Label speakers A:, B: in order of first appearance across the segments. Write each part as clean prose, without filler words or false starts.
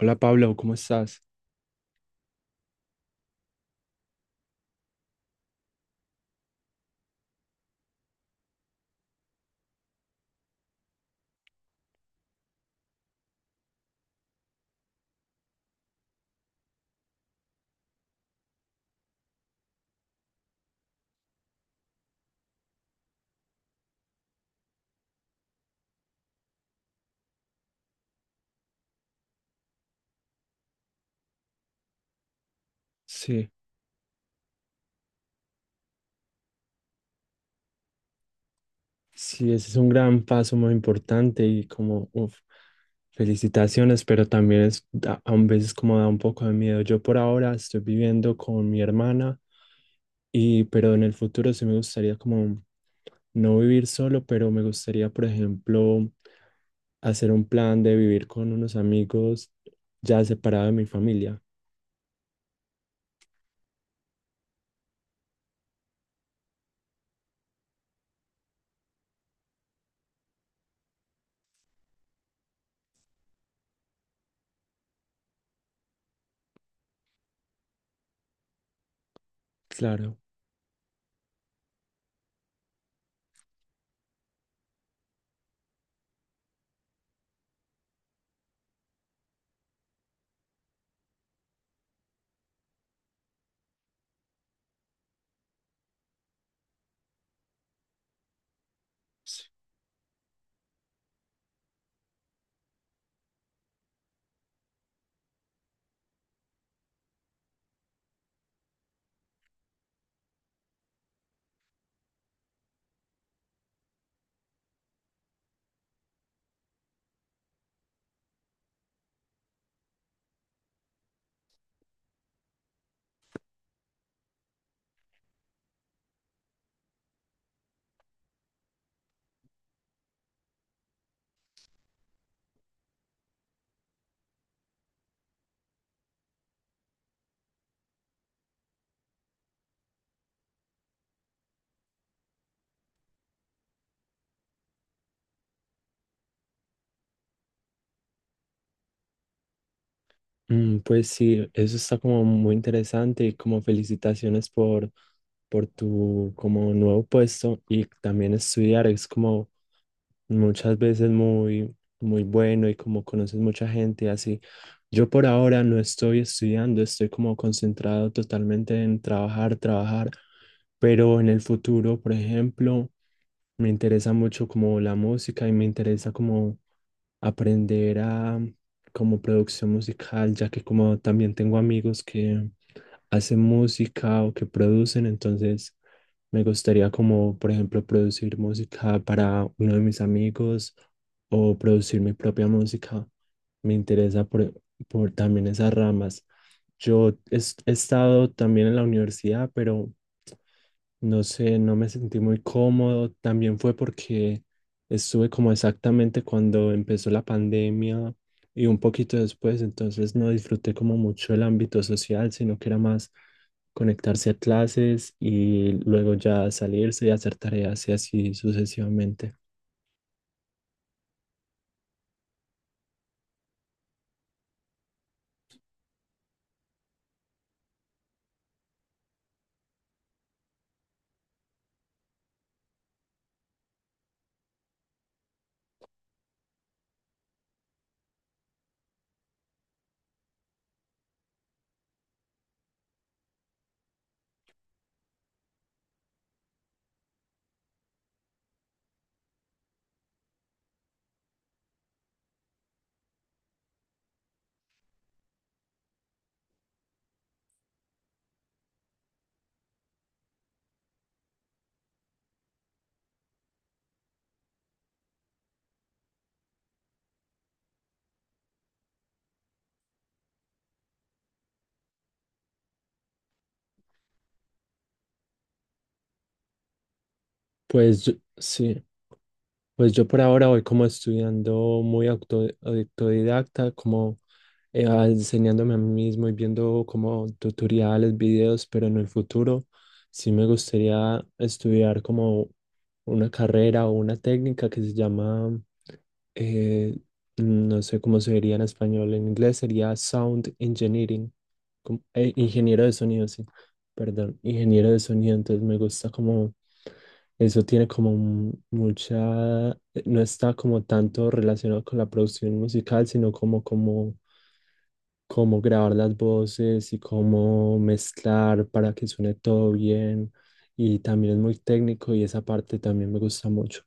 A: Hola Pablo, ¿cómo estás? Sí, sí, ese es un gran paso muy importante y como, uf, felicitaciones, pero también es, a veces como da un poco de miedo. Yo por ahora estoy viviendo con mi hermana y, pero en el futuro sí me gustaría como no vivir solo, pero me gustaría, por ejemplo, hacer un plan de vivir con unos amigos ya separado de mi familia. Claro. Mm, pues sí, eso está como muy interesante y como felicitaciones por tu como nuevo puesto y también estudiar es como muchas veces muy, muy bueno y como conoces mucha gente y así. Yo por ahora no estoy estudiando, estoy como concentrado totalmente en trabajar, trabajar, pero en el futuro, por ejemplo, me interesa mucho como la música y me interesa como aprender a como producción musical, ya que como también tengo amigos que hacen música o que producen, entonces me gustaría como, por ejemplo, producir música para uno de mis amigos o producir mi propia música. Me interesa por también esas ramas. Yo he, he estado también en la universidad, pero no sé, no me sentí muy cómodo. También fue porque estuve como exactamente cuando empezó la pandemia y un poquito después, entonces no disfruté como mucho el ámbito social, sino que era más conectarse a clases y luego ya salirse y hacer tareas y así sucesivamente. Sí, pues yo por ahora voy como estudiando muy autodidacta, como enseñándome a mí mismo y viendo como tutoriales, videos, pero en el futuro sí me gustaría estudiar como una carrera o una técnica que se llama, eh, no sé cómo se diría en español, en inglés sería Sound Engineering, ingeniero de sonido, sí, perdón, ingeniero de sonido, entonces me gusta como... Eso tiene como mucha, no está como tanto relacionado con la producción musical, sino como, como cómo grabar las voces y cómo mezclar para que suene todo bien. Y también es muy técnico y esa parte también me gusta mucho.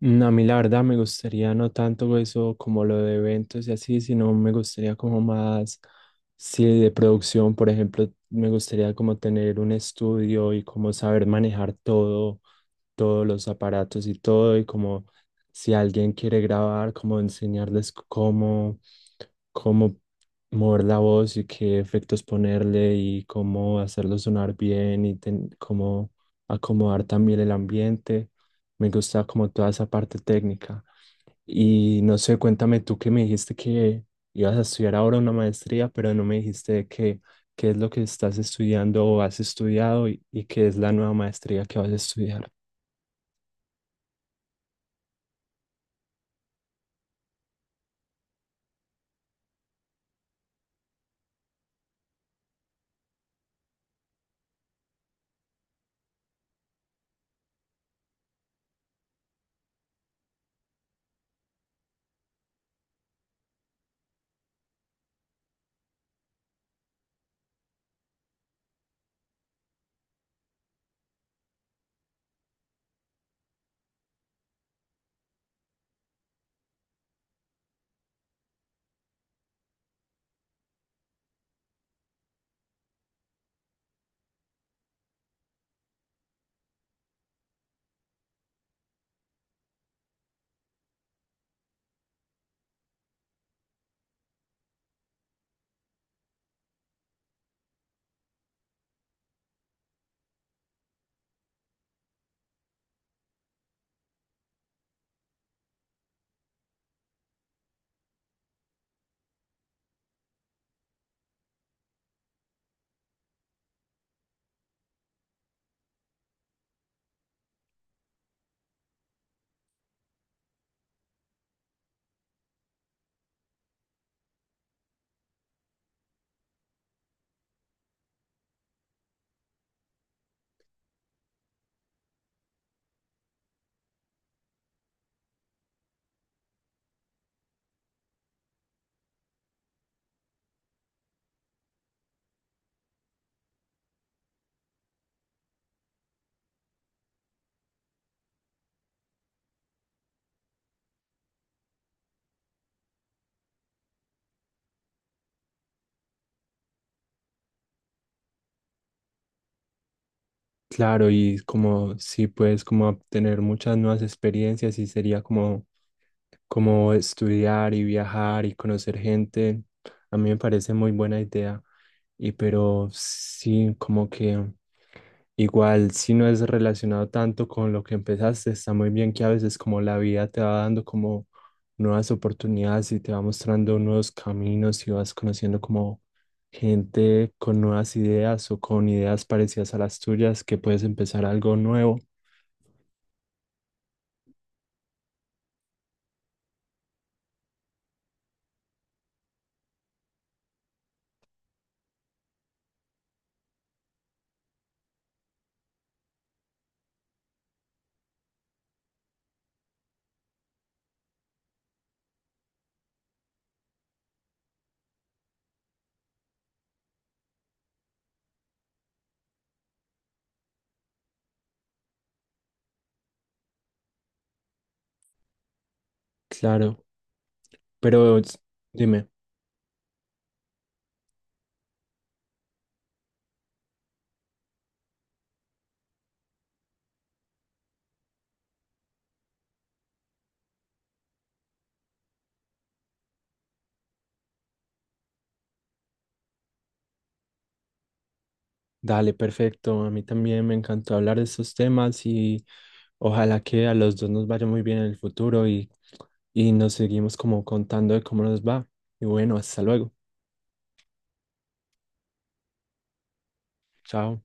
A: Mm, a mí la verdad me gustaría no tanto eso como lo de eventos y así, sino me gustaría como más, sí, de producción, por ejemplo, me gustaría como tener un estudio y como saber manejar todos los aparatos y todo, y como si alguien quiere grabar, como enseñarles cómo, cómo mover la voz y qué efectos ponerle y cómo hacerlo sonar bien y cómo acomodar también el ambiente. Me gusta como toda esa parte técnica. Y no sé, cuéntame tú que me dijiste que ibas a estudiar ahora una maestría, pero no me dijiste de qué, qué es lo que estás estudiando o has estudiado y qué es la nueva maestría que vas a estudiar. Claro, y como sí puedes como obtener muchas nuevas experiencias y sería como, como estudiar y viajar y conocer gente. A mí me parece muy buena idea. Y pero sí, como que igual si no es relacionado tanto con lo que empezaste, está muy bien que a veces como la vida te va dando como nuevas oportunidades y te va mostrando nuevos caminos y vas conociendo como gente con nuevas ideas o con ideas parecidas a las tuyas que puedes empezar algo nuevo. Claro, pero s- dime. Dale, perfecto. A mí también me encantó hablar de estos temas y ojalá que a los dos nos vaya muy bien en el futuro y nos seguimos como contando de cómo nos va. Y bueno, hasta luego. Chao.